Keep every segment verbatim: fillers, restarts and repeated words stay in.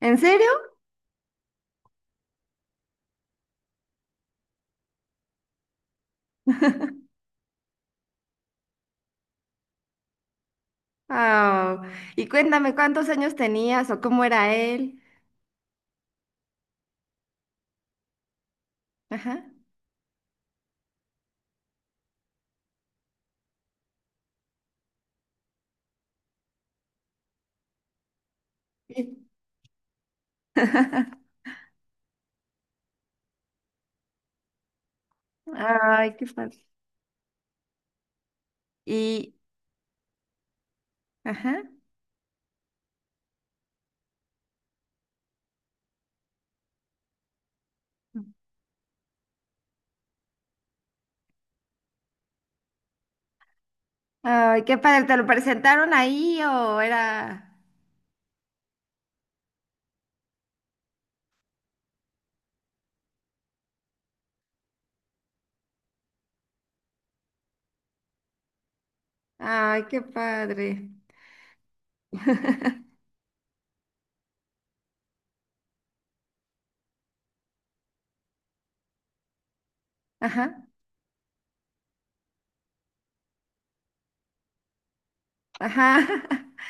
¿En serio? Ah, y cuéntame cuántos años tenías o cómo era él. Ajá. Sí. Ay, qué padre. Y, ajá. Ay, qué padre. ¿Te lo presentaron ahí o era? Ay, qué padre. Ajá, ajá.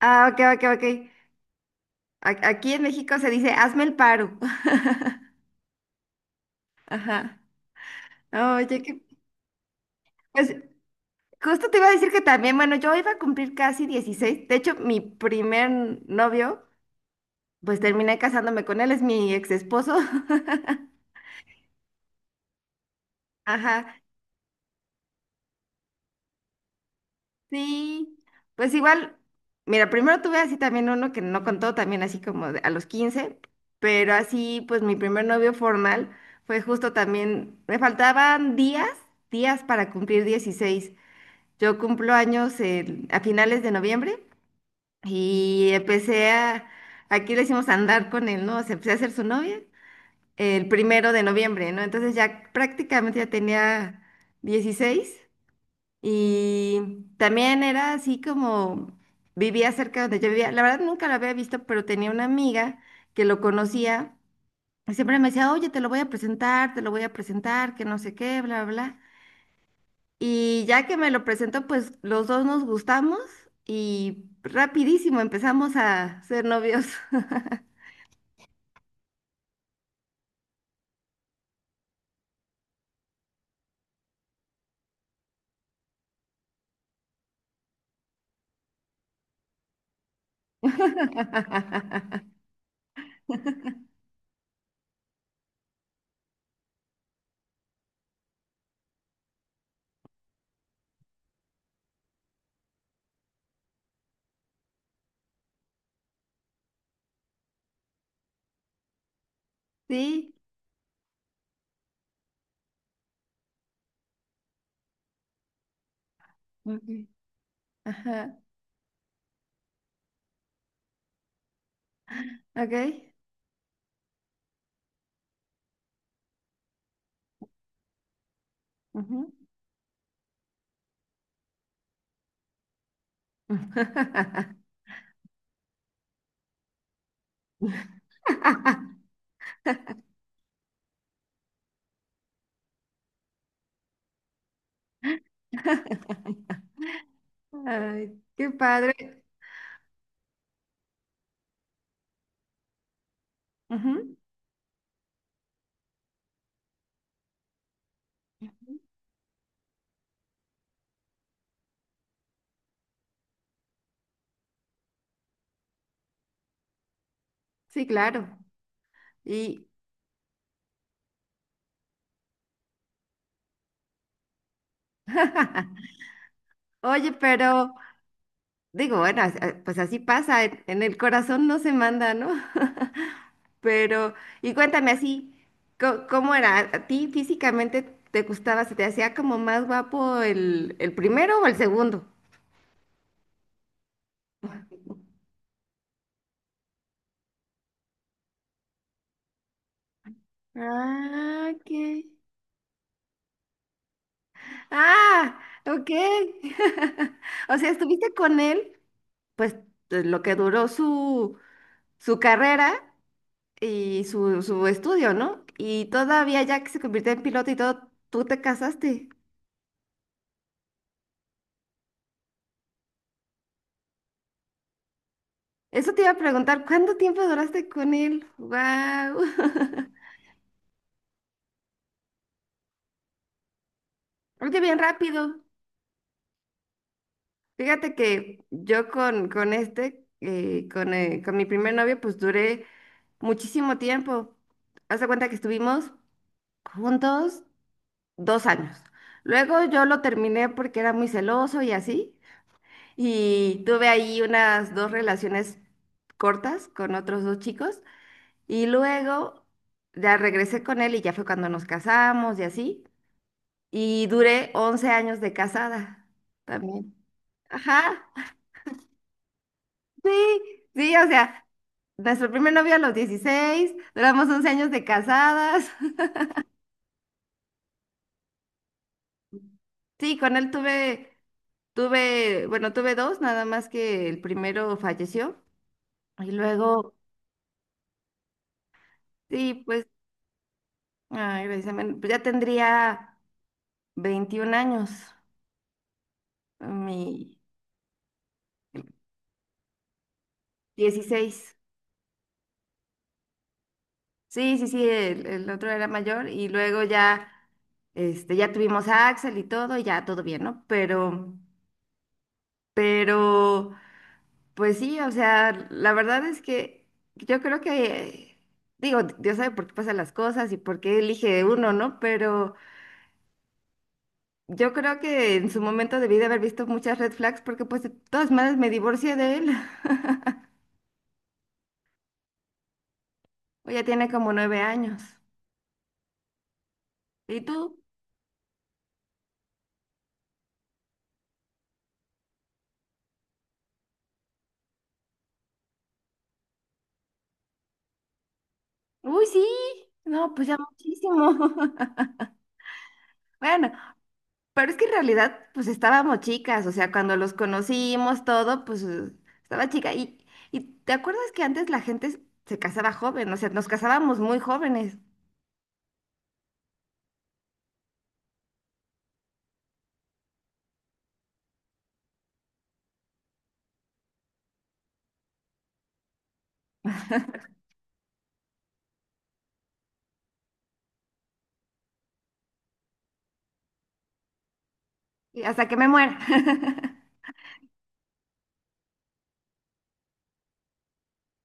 Ah, ok, ok, ok. A- Aquí en México se dice, hazme el paro. Ajá. Oye, que, pues justo te iba a decir que también, bueno, yo iba a cumplir casi dieciséis. De hecho, mi primer novio. Pues terminé casándome con él, es mi ex esposo. Ajá, sí. Pues igual, mira, primero tuve así también uno que no contó, también así como de- a los quince. Pero así pues mi primer novio formal fue justo también, me faltaban días, días para cumplir dieciséis. Yo cumplo años en- a finales de noviembre y empecé a, aquí le decimos andar con él, ¿no? O sea, empecé a ser su novia el primero de noviembre, ¿no? Entonces ya prácticamente ya tenía dieciséis. Y también era así como vivía cerca donde yo vivía. La verdad nunca lo había visto, pero tenía una amiga que lo conocía y siempre me decía, oye, te lo voy a presentar, te lo voy a presentar, que no sé qué, bla, bla, bla. Y ya que me lo presentó, pues los dos nos gustamos y rapidísimo empezamos a ser novios. Sí. Ok. Ajá. Ok. Ujú. Ay, qué padre. Ujú. Sí, claro. Y, oye, pero digo, bueno, as- a- pues así pasa, en, en el corazón no se manda, ¿no? Pero, y cuéntame así, co- ¿cómo era? ¿A ti físicamente te gustaba, se te hacía como más guapo el, el primero o el segundo? Ah, ok. Ah, ok. O sea, estuviste con él, pues lo que duró su, su carrera y su, su estudio, ¿no? Y todavía ya que se convirtió en piloto y todo, tú te casaste. Eso te iba a preguntar, ¿cuánto tiempo duraste con él? ¡Wow! Oye, bien rápido. Fíjate que yo con, con este, eh, con, eh, con mi primer novio, pues duré muchísimo tiempo. Haz de cuenta que estuvimos juntos dos años. Luego yo lo terminé porque era muy celoso y así. Y tuve ahí unas dos relaciones cortas con otros dos chicos. Y luego ya regresé con él y ya fue cuando nos casamos y así. Y duré once años de casada también. Ajá, sí, sí, o sea, nuestro primer novio a los dieciséis duramos once años de casadas. Sí, con él tuve, tuve, bueno, tuve dos, nada más que el primero falleció. Y luego, sí, pues, ay, precisamente, pues ya tendría. Veintiún años, mi dieciséis. Sí, sí, sí, el, el otro era mayor y luego ya, este, ya tuvimos a Axel y todo, y ya todo bien, ¿no? Pero, pero, pues sí, o sea, la verdad es que yo creo que, digo, Dios sabe por qué pasan las cosas y por qué elige uno, ¿no? Pero yo creo que en su momento debí de haber visto muchas red flags porque pues de todas maneras me divorcié de él. O ya tiene como nueve años. ¿Y tú? Uy, sí. No, pues ya muchísimo. Bueno, pero es que en realidad, pues estábamos chicas, o sea, cuando los conocimos todo, pues eh, estaba chica. Y, y ¿te acuerdas que antes la gente se casaba joven? O sea, nos casábamos muy jóvenes. Y hasta que me muera.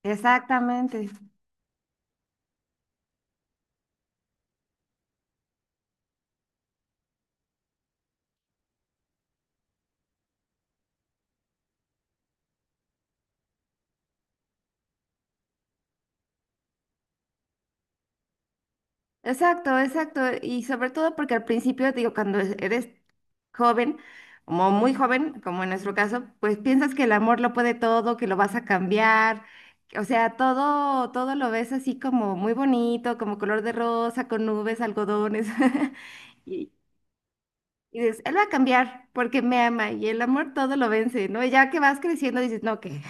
Exactamente. Exacto, exacto. Y sobre todo porque al principio, digo, cuando es- eres joven, como muy joven, como en nuestro caso, pues piensas que el amor lo puede todo, que lo vas a cambiar. O sea, todo, todo lo ves así como muy bonito, como color de rosa, con nubes, algodones. Y, y dices, él va a cambiar porque me ama y el amor todo lo vence, ¿no? Y ya que vas creciendo dices, no, ¿qué?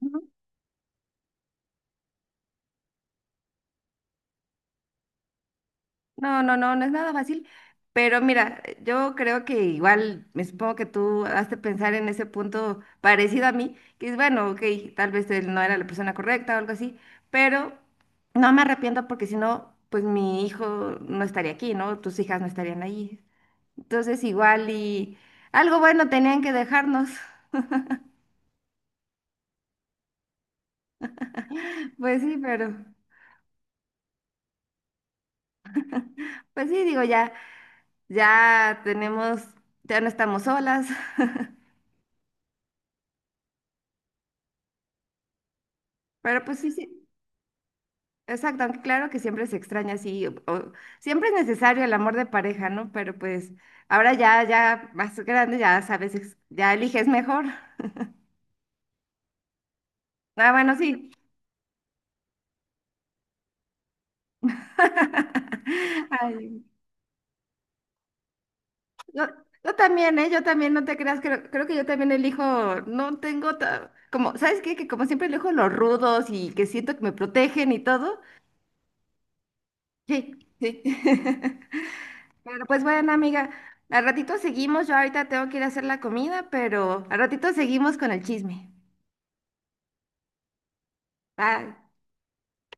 No, no, no, no es nada fácil, pero mira, yo creo que igual, me supongo que tú has de pensar en ese punto parecido a mí, que es bueno, ok, tal vez él no era la persona correcta o algo así, pero no me arrepiento porque si no, pues mi hijo no estaría aquí, ¿no? Tus hijas no estarían ahí. Entonces igual y algo bueno tenían que dejarnos, pues sí, pero, pues sí, digo, ya, ya, tenemos, ya no estamos solas, pero pues sí, sí. Exacto, aunque claro que siempre se extraña, sí, o- o- siempre es necesario el amor de pareja, ¿no? Pero pues ahora ya, ya más grande, ya sabes, ex- ya eliges mejor. Ah, bueno, sí. Ay, yo, yo también, ¿eh? Yo también, no te creas, creo, creo que yo también elijo, no tengo, ta- como, ¿sabes qué? Que como siempre elijo los rudos y que siento que me protegen y todo. Sí, sí. Pero pues bueno, amiga, al ratito seguimos. Yo ahorita tengo que ir a hacer la comida, pero al ratito seguimos con el chisme. Bye.